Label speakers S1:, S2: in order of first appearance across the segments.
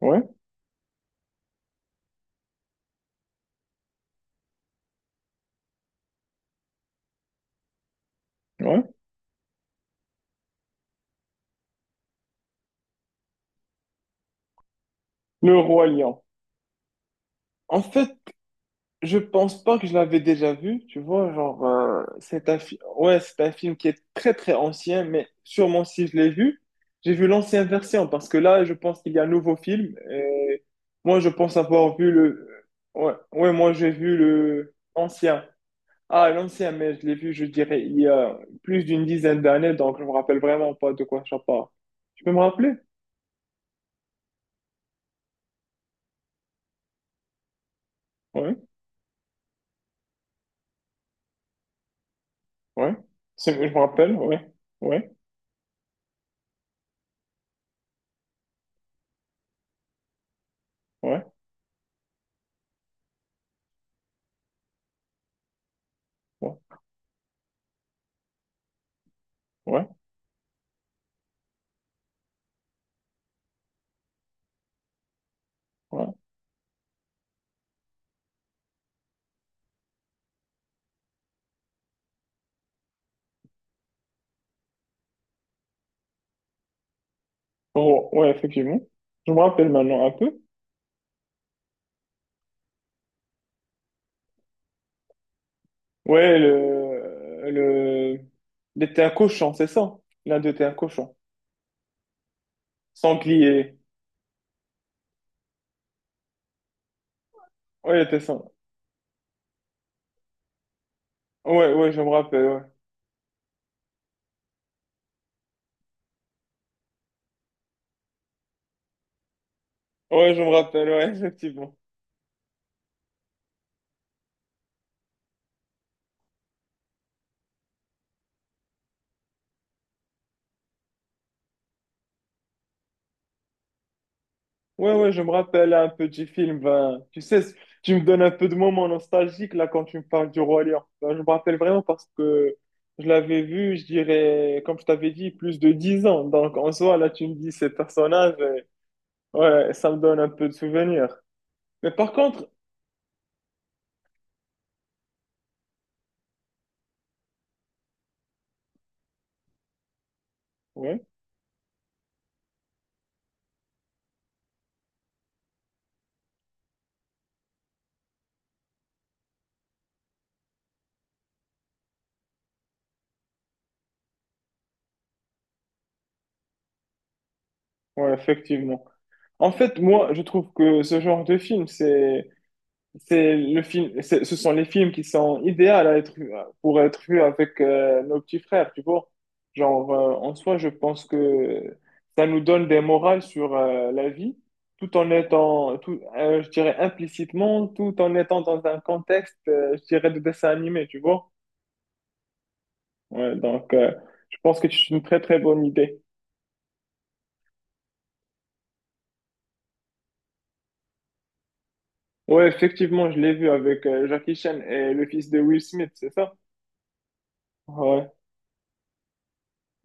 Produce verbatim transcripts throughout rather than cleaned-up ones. S1: Ouais, ouais. Le Roi Lion. En fait, je pense pas que je l'avais déjà vu, tu vois, genre, euh, c'est un, fi- ouais, c'est un film qui est très très ancien, mais sûrement si je l'ai vu, j'ai vu l'ancienne version, parce que là, je pense qu'il y a un nouveau film, et moi, je pense avoir vu le, ouais, ouais, moi, j'ai vu le ancien. Ah, l'ancien, mais je l'ai vu, je dirais, il y a plus d'une dizaine d'années, donc je me rappelle vraiment pas de quoi ça parle. Tu peux me rappeler? Ouais, ouais. C'est- Je me rappelle, ouais, ouais, ouais. Ouais, ouais, ouais. Oh, ouais, effectivement. Je me rappelle maintenant un peu. Ouais, le, le, il était un cochon, c'est ça? L'un d'eux était un cochon. Sanglier. Ouais, il était ça. Ouais, ouais, je me rappelle, ouais. Ouais, je me rappelle, ouais, effectivement. Ouais, ouais, je me rappelle un petit film, ben, tu sais, tu me donnes un peu de moments nostalgiques, là, quand tu me parles du Roi Lion. Ben, je me rappelle vraiment parce que je l'avais vu, je dirais, comme je t'avais dit, plus de dix ans. Donc, en soi, là, tu me dis ces personnages, euh, ouais, ça me donne un peu de souvenirs. Mais par contre, ouais, ouais, effectivement. En fait, moi, je trouve que ce genre de film, c'est, c'est le film, c'est- ce sont les films qui sont idéaux à être, pour être vus avec euh, nos petits frères, tu vois. Genre, euh, en soi, je pense que ça nous donne des morales sur euh, la vie, tout en étant, tout, euh, je dirais implicitement, tout en étant dans un contexte, euh, je dirais, de dessin animé, tu vois. Ouais, donc, euh, je pense que c'est une très, très bonne idée. Ouais, effectivement, je l'ai vu avec euh, Jackie Chan et le fils de Will Smith, c'est ça? Ouais,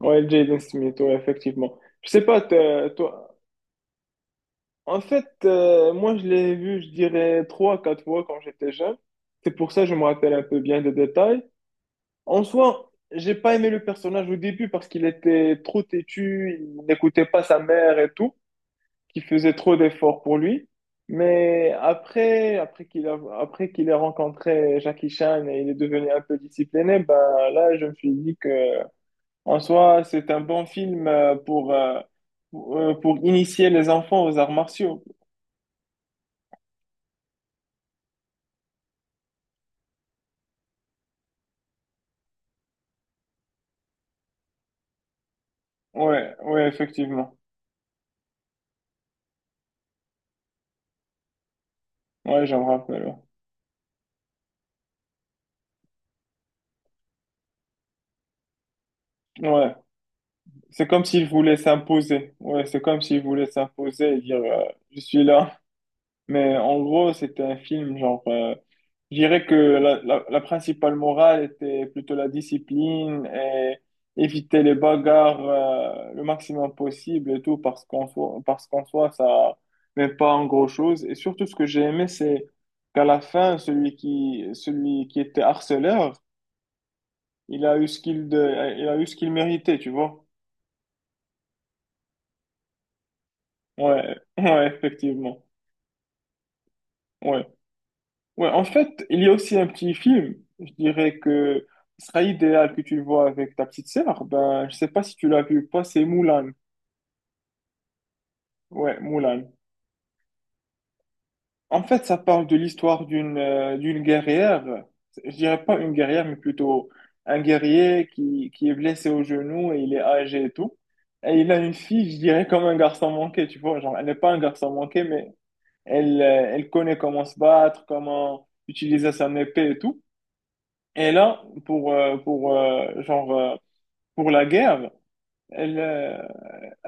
S1: ouais, Jaden Smith, ouais, effectivement. Je sais pas, t'es- toi, en fait, euh, moi, je l'ai vu, je dirais, trois, quatre fois quand j'étais jeune. C'est pour ça que je me rappelle un peu bien des détails. En soi, j'ai pas aimé le personnage au début parce qu'il était trop têtu, il n'écoutait pas sa mère et tout. Qui faisait trop d'efforts pour lui. Mais après, après qu'il a, après qu'il ait rencontré Jackie Chan et il est devenu un peu discipliné, ben là, je me suis dit que, en soi, c'est un bon film euh, pour, euh, pour, euh, pour initier les enfants aux arts martiaux. Ouais, ouais, effectivement. Ouais, je me rappelle. Ouais. Ouais. C'est comme s'il voulait s'imposer. Ouais, c'est comme s'il voulait s'imposer et dire, euh, je suis là. Mais en gros, c'était un film, genre, euh, je dirais que la, la, la principale morale était plutôt la discipline et éviter les bagarres, euh, le maximum possible et tout, parce qu'en soi, parce qu'en soi, ça n'est pas en gros chose. Et surtout, ce que j'ai aimé, c'est qu'à la fin, celui qui, celui qui était harceleur, il a eu ce qu'il de, il a eu ce qu'il méritait, tu vois. Ouais, ouais, effectivement. Ouais. Ouais, en fait, il y a aussi un petit film, je dirais que ce sera idéal que tu le vois avec ta petite sœur. Ben, je sais pas si tu l'as vu ou pas, c'est Moulin. Ouais, Moulin. En fait, ça parle de l'histoire d'une euh, d'une guerrière. Je dirais pas une guerrière, mais plutôt un guerrier qui, qui est blessé au genou et il est âgé et tout. Et il a une fille, je dirais, comme un garçon manqué, tu vois. Genre, elle n'est pas un garçon manqué, mais elle, euh, elle connaît comment se battre, comment utiliser son épée et tout. Et là, pour, euh, pour, euh, genre, euh, pour la guerre, elle, euh,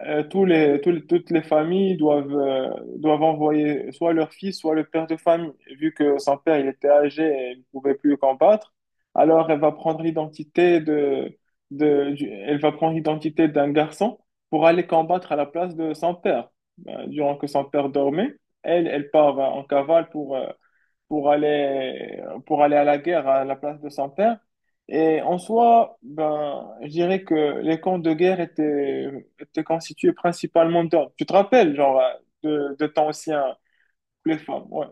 S1: euh, tous les, tous les- toutes les familles doivent, euh, doivent envoyer soit leur fils, soit le père de famille. Vu que son père, il était âgé et il ne pouvait plus combattre, alors elle va prendre l'identité de, de, du- elle va prendre l'identité d'un garçon pour aller combattre à la place de son père. Ben, durant que son père dormait, elle, elle part euh, en cavale pour, euh, pour aller, pour aller à la guerre à la place de son père. Et en soi, ben, je dirais que les camps de guerre étaient, étaient constitués principalement d'hommes. Tu te rappelles, genre, de, de temps anciens, les femmes, ouais.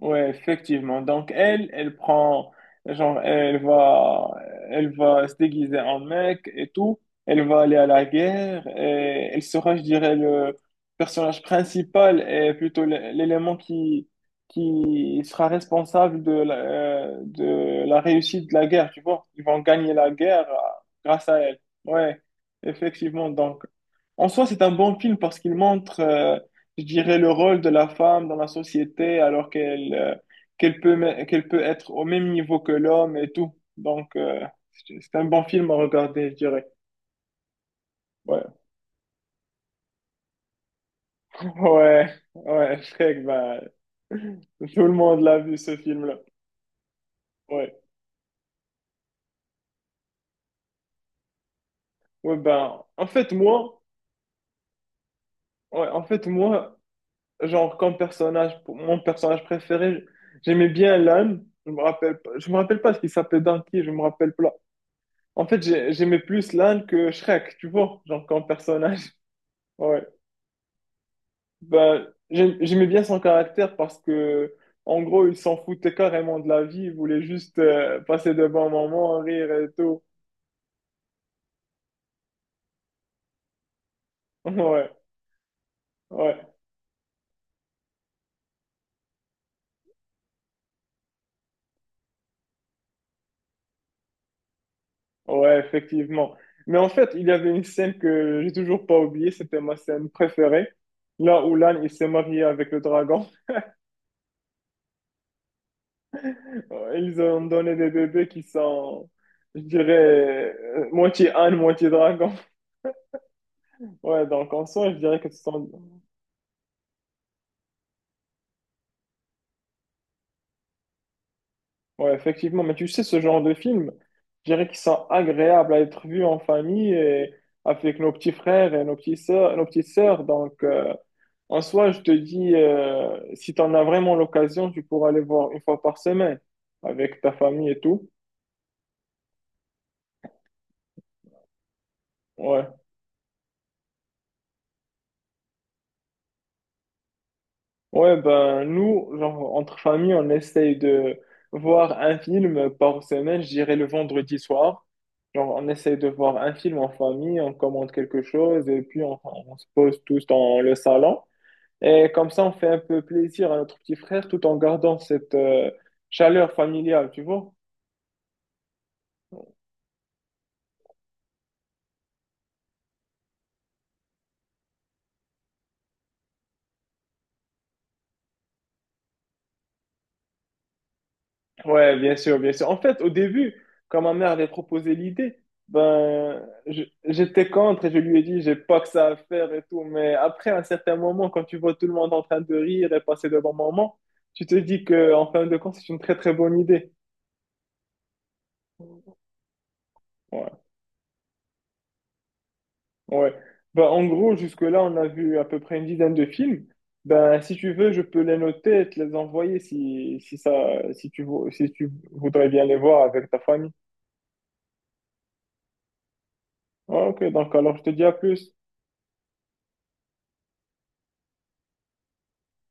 S1: Ouais, effectivement. Donc elle, elle prend, genre, elle va, elle va se déguiser en mec et tout. Elle va aller à la guerre et elle sera, je dirais, le personnage principal et plutôt l'é- l'élément qui, qui sera responsable de la, euh, de la réussite de la guerre, tu vois. Ils vont gagner la guerre euh, grâce à elle. Ouais, effectivement. Donc, en soi, c'est un bon film parce qu'il montre, euh, je dirais, le rôle de la femme dans la société alors qu'elle euh, qu'elle peut, me- qu'elle peut être au même niveau que l'homme et tout. Donc, euh, c'est c'est un bon film à regarder, je dirais. Ouais, ouais, ouais, Shrek, ben, tout le monde l'a vu, ce film-là. Ouais, ouais, ben, en fait, moi, ouais, en fait, moi, genre, comme personnage, pour- mon personnage préféré, j'aimais bien l'âne. Je me rappelle pas, je me rappelle pas ce qu'il s'appelait dans qui, je me rappelle pas. En fait, j'ai- j'aimais plus l'Inde que Shrek, tu vois, genre comme personnage. Ouais. Ben, j'aim- j'aimais bien son caractère parce que, en gros, il s'en foutait carrément de la vie, il voulait juste euh, passer de bons moments, rire et tout. Ouais, ouais, ouais, effectivement. Mais en fait, il y avait une scène que j'ai toujours pas oubliée, c'était ma scène préférée. Là où l'âne, il s'est marié avec le dragon. Ils ont donné des bébés qui sont, je dirais, euh, moitié âne, moitié dragon. Ouais, donc en soi, je dirais que ce sont... Ouais, effectivement, mais tu sais, ce genre de films, je dirais qu'ils sont agréables à être vus en famille et avec nos petits frères et nos petits sœurs, nos petites sœurs. Donc, euh, en soi, je te dis, euh, si tu en as vraiment l'occasion, tu pourras aller voir une fois par semaine avec ta famille et tout. Ouais. Ouais, ben nous, genre, entre familles, on essaye de voir un film par semaine, je dirais le vendredi soir. Genre, on essaye de voir un film en famille, on commande quelque chose et puis on, on se pose tous dans le salon. Et comme ça, on fait un peu plaisir à notre petit frère tout en gardant cette euh, chaleur familiale, tu vois. Ouais, bien sûr, bien sûr. En fait, au début, quand ma mère avait proposé l'idée, ben, je- j'étais contre et je lui ai dit, j'ai pas que ça à faire et tout. Mais après, à un certain moment, quand tu vois tout le monde en train de rire et passer de bons moments, tu te dis que, en fin de compte, c'est une très, très bonne idée. Ouais, ouais. Ben, en gros, jusque-là, on a vu à peu près une dizaine de films. Ben, si tu veux, je peux les noter et te les envoyer si, si ça, si tu, vou- si tu voudrais bien les voir avec ta famille. Ouais, ok, donc alors je te dis à plus.